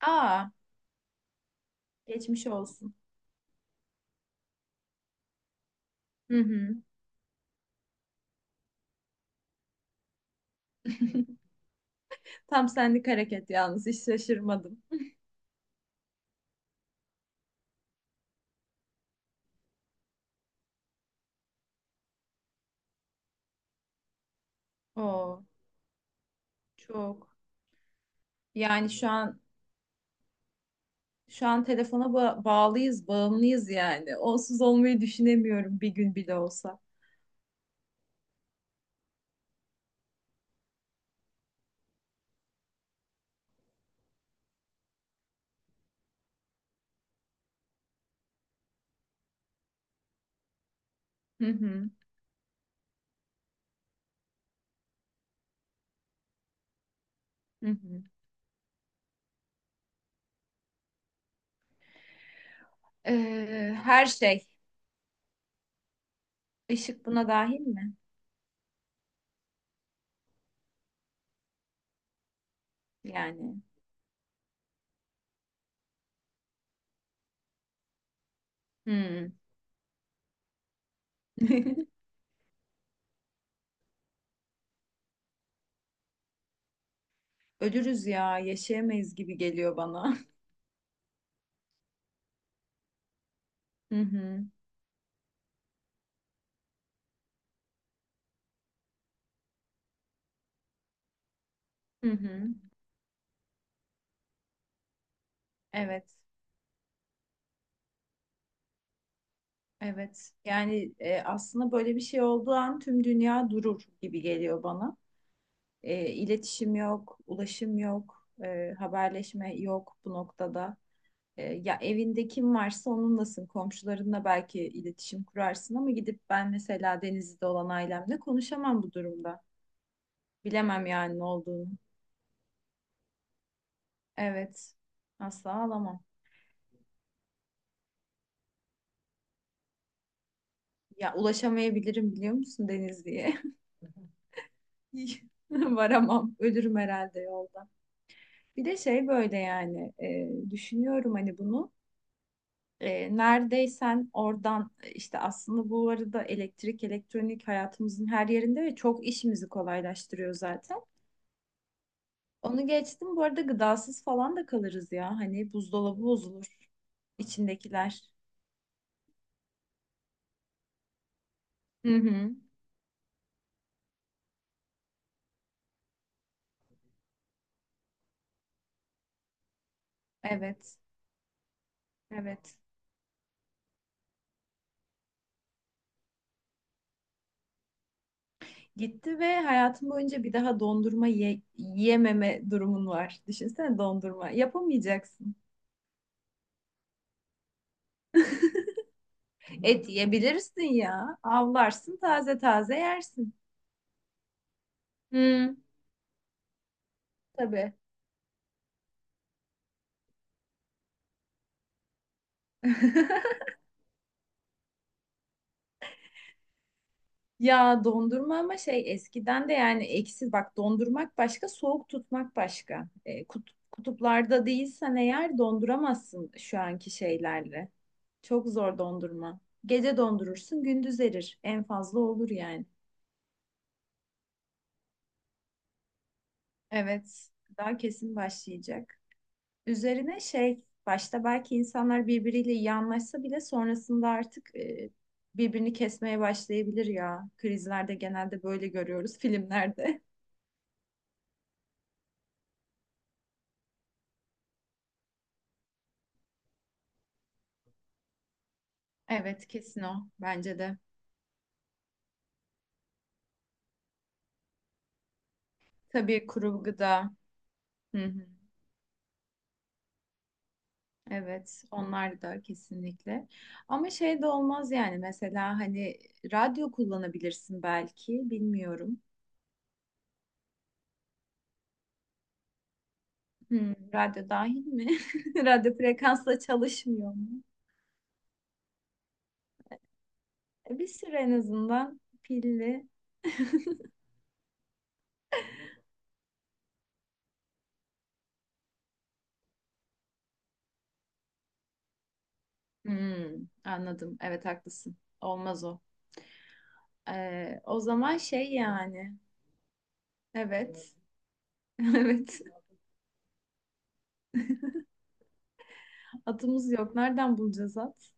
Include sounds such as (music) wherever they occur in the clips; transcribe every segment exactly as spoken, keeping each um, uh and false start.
Aa, geçmiş olsun. Hı hı. (laughs) Tam senlik hareket yalnız hiç şaşırmadım. Oo, çok. Yani şu an şu an telefona ba- bağlıyız, bağımlıyız yani. Onsuz olmayı düşünemiyorum bir gün bile olsa. Hı hı, hı hı. Ee, her şey. Işık buna dahil mi? Yani. Hmm. (laughs) Ölürüz ya, yaşayamayız gibi geliyor bana. (laughs) Hı hı. Hı hı. Evet. Evet. Yani e, aslında böyle bir şey olduğu an tüm dünya durur gibi geliyor bana. E, iletişim yok, ulaşım yok, e, haberleşme yok bu noktada. E, ya evinde kim varsa onunlasın. Komşularınla belki iletişim kurarsın ama gidip ben mesela Denizli'de olan ailemle konuşamam bu durumda. Bilemem yani ne olduğunu. Evet. Asla alamam. Ya ulaşamayabilirim biliyor musun Denizli'ye? (laughs) Varamam. Ölürüm herhalde yolda. Bir de şey böyle yani e, düşünüyorum hani bunu. E, neredeysen oradan e, işte aslında bu arada elektrik, elektronik hayatımızın her yerinde ve çok işimizi kolaylaştırıyor zaten. Onu geçtim. Bu arada gıdasız falan da kalırız ya. Hani buzdolabı bozulur içindekiler. Hı hı. Evet. Evet. Gitti ve hayatım boyunca bir daha dondurma ye- yememe durumun var. Düşünsene dondurma. Yapamayacaksın. (laughs) Et yiyebilirsin ya. Avlarsın taze taze yersin. Hı, tabii. (laughs) Ya dondurma ama şey eskiden de yani eksi bak dondurmak başka soğuk tutmak başka. E, kut- kutuplarda değilsen eğer donduramazsın şu anki şeylerle. Çok zor dondurma. Gece dondurursun gündüz erir. En fazla olur yani. Evet, daha kesin başlayacak. Üzerine şey, başta belki insanlar birbiriyle iyi anlaşsa bile sonrasında artık e, birbirini kesmeye başlayabilir ya. Krizlerde genelde böyle görüyoruz filmlerde. (laughs) Evet, kesin o bence de. Tabii kuru gıda. Hı hı. Evet, onlar da kesinlikle. Ama şey de olmaz yani mesela hani radyo kullanabilirsin belki, bilmiyorum. Hı, radyo dahil mi? (laughs) Radyo frekansla çalışmıyor mu? Bir süre en azından pilli. Hmm, anladım. Evet haklısın. Olmaz o. Ee, o zaman şey yani. Evet. (laughs) Evet. Atımız yok. Nereden bulacağız at?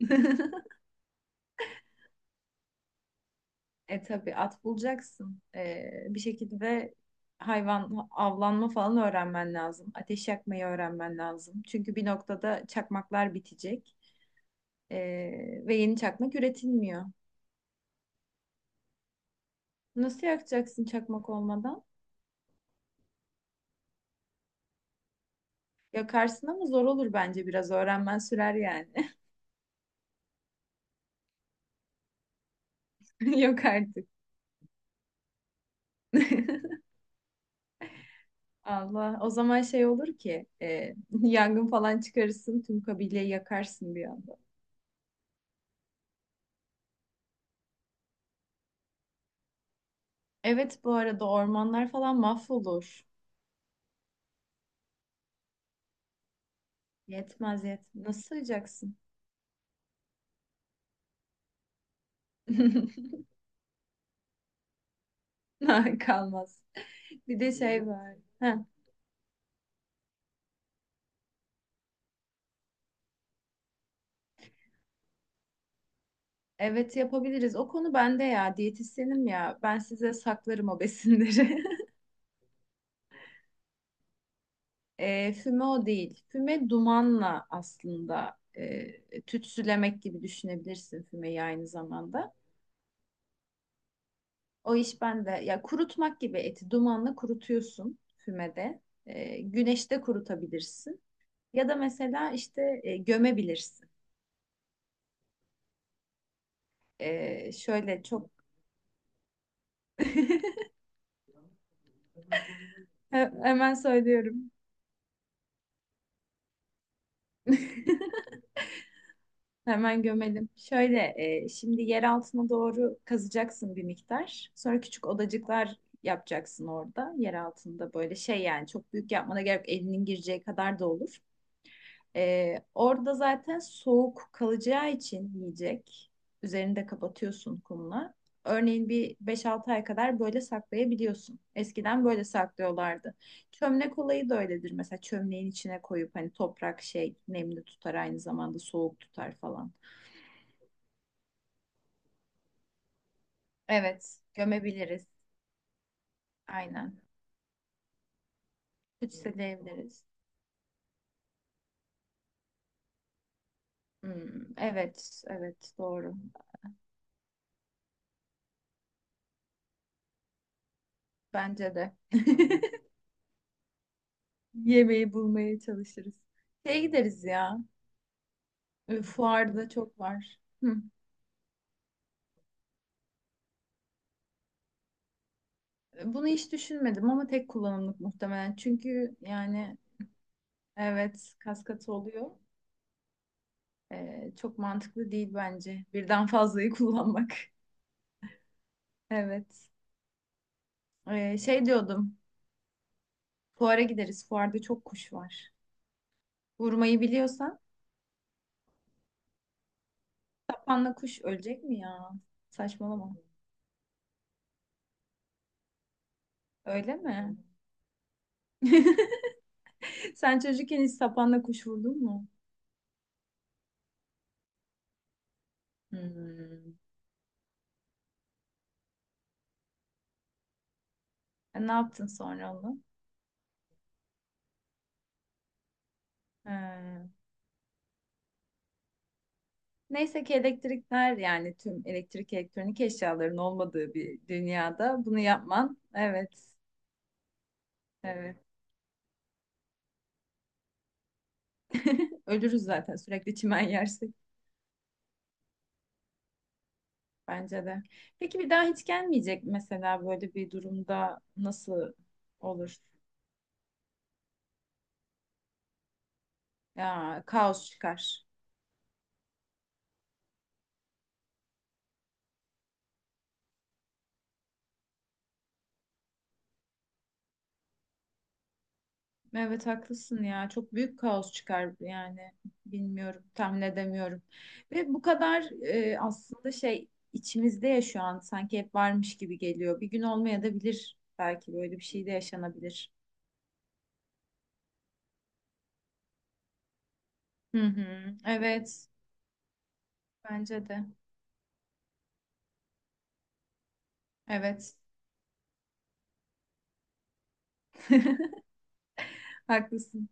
(laughs) E tabii at bulacaksın. Ee, bir şekilde hayvan avlanma falan öğrenmen lazım. Ateş yakmayı öğrenmen lazım. Çünkü bir noktada çakmaklar bitecek. Ee, ve yeni çakmak üretilmiyor. Nasıl yakacaksın çakmak olmadan? Yakarsın ama zor olur bence biraz. Öğrenmen sürer yani. (laughs) Yok artık. (laughs) Allah. O zaman şey olur ki e, (laughs) yangın falan çıkarırsın tüm kabileyi yakarsın bir anda. Evet bu arada ormanlar falan mahvolur. Yetmez yetmez. Nasıl sığacaksın? (laughs) Ha, kalmaz. Bir de şey var. Heh, evet yapabiliriz. O konu bende ya. Diyetisyenim ya. Ben size saklarım o besinleri. E, füme o değil. Füme dumanla aslında e, tütsülemek gibi düşünebilirsin fümeyi aynı zamanda. O iş bende. Ya kurutmak gibi eti dumanla kurutuyorsun fümede. E, güneşte kurutabilirsin. Ya da mesela işte e, gömebilirsin. E, şöyle çok (laughs) Hemen söylüyorum. Hemen gömelim. Şöyle, e, şimdi yer altına doğru kazacaksın bir miktar. Sonra küçük odacıklar yapacaksın orada. Yer altında böyle şey yani çok büyük yapmana gerek yok. Elinin gireceği kadar da olur. E, orada zaten soğuk kalacağı için yiyecek. Üzerini de kapatıyorsun kumla. Örneğin bir beş altı ay kadar böyle saklayabiliyorsun. Eskiden böyle saklıyorlardı. Çömlek olayı da öyledir. Mesela çömleğin içine koyup hani toprak şey nemli tutar aynı zamanda soğuk tutar falan. Evet, gömebiliriz. Aynen. Ütseleyebiliriz. Hmm, evet, evet doğru. Bence de. (laughs) Yemeği bulmaya çalışırız. Şeye gideriz ya. E, Fuarda çok var. Hı. E, Bunu hiç düşünmedim ama tek kullanımlık muhtemelen. Çünkü yani evet kaskatı oluyor. E, çok mantıklı değil bence. Birden fazlayı kullanmak. (laughs) Evet. E, şey diyordum. Fuara gideriz. Fuarda çok kuş var. Vurmayı biliyorsan. Panla kuş ölecek mi ya? Saçmalama. Öyle mi? (laughs) Sen çocukken hiç sapanla kuş vurdun mu? Hmm. E, ne yaptın sonra onu? He. Neyse ki elektrikler yani tüm elektrik elektronik eşyaların olmadığı bir dünyada bunu yapman. Evet. Evet. Ölürüz zaten sürekli çimen (laughs) yersek. Bence de. Peki bir daha hiç gelmeyecek mesela böyle bir durumda nasıl olur? Ya kaos çıkar. Evet haklısın ya. Çok büyük kaos çıkar yani. Bilmiyorum, tahmin edemiyorum. Ve bu kadar e, aslında şey içimizde ya şu an sanki hep varmış gibi geliyor. Bir gün olmaya da bilir belki böyle bir şey de yaşanabilir. Hı hı. Evet, bence de. Evet. (laughs) Haklısın.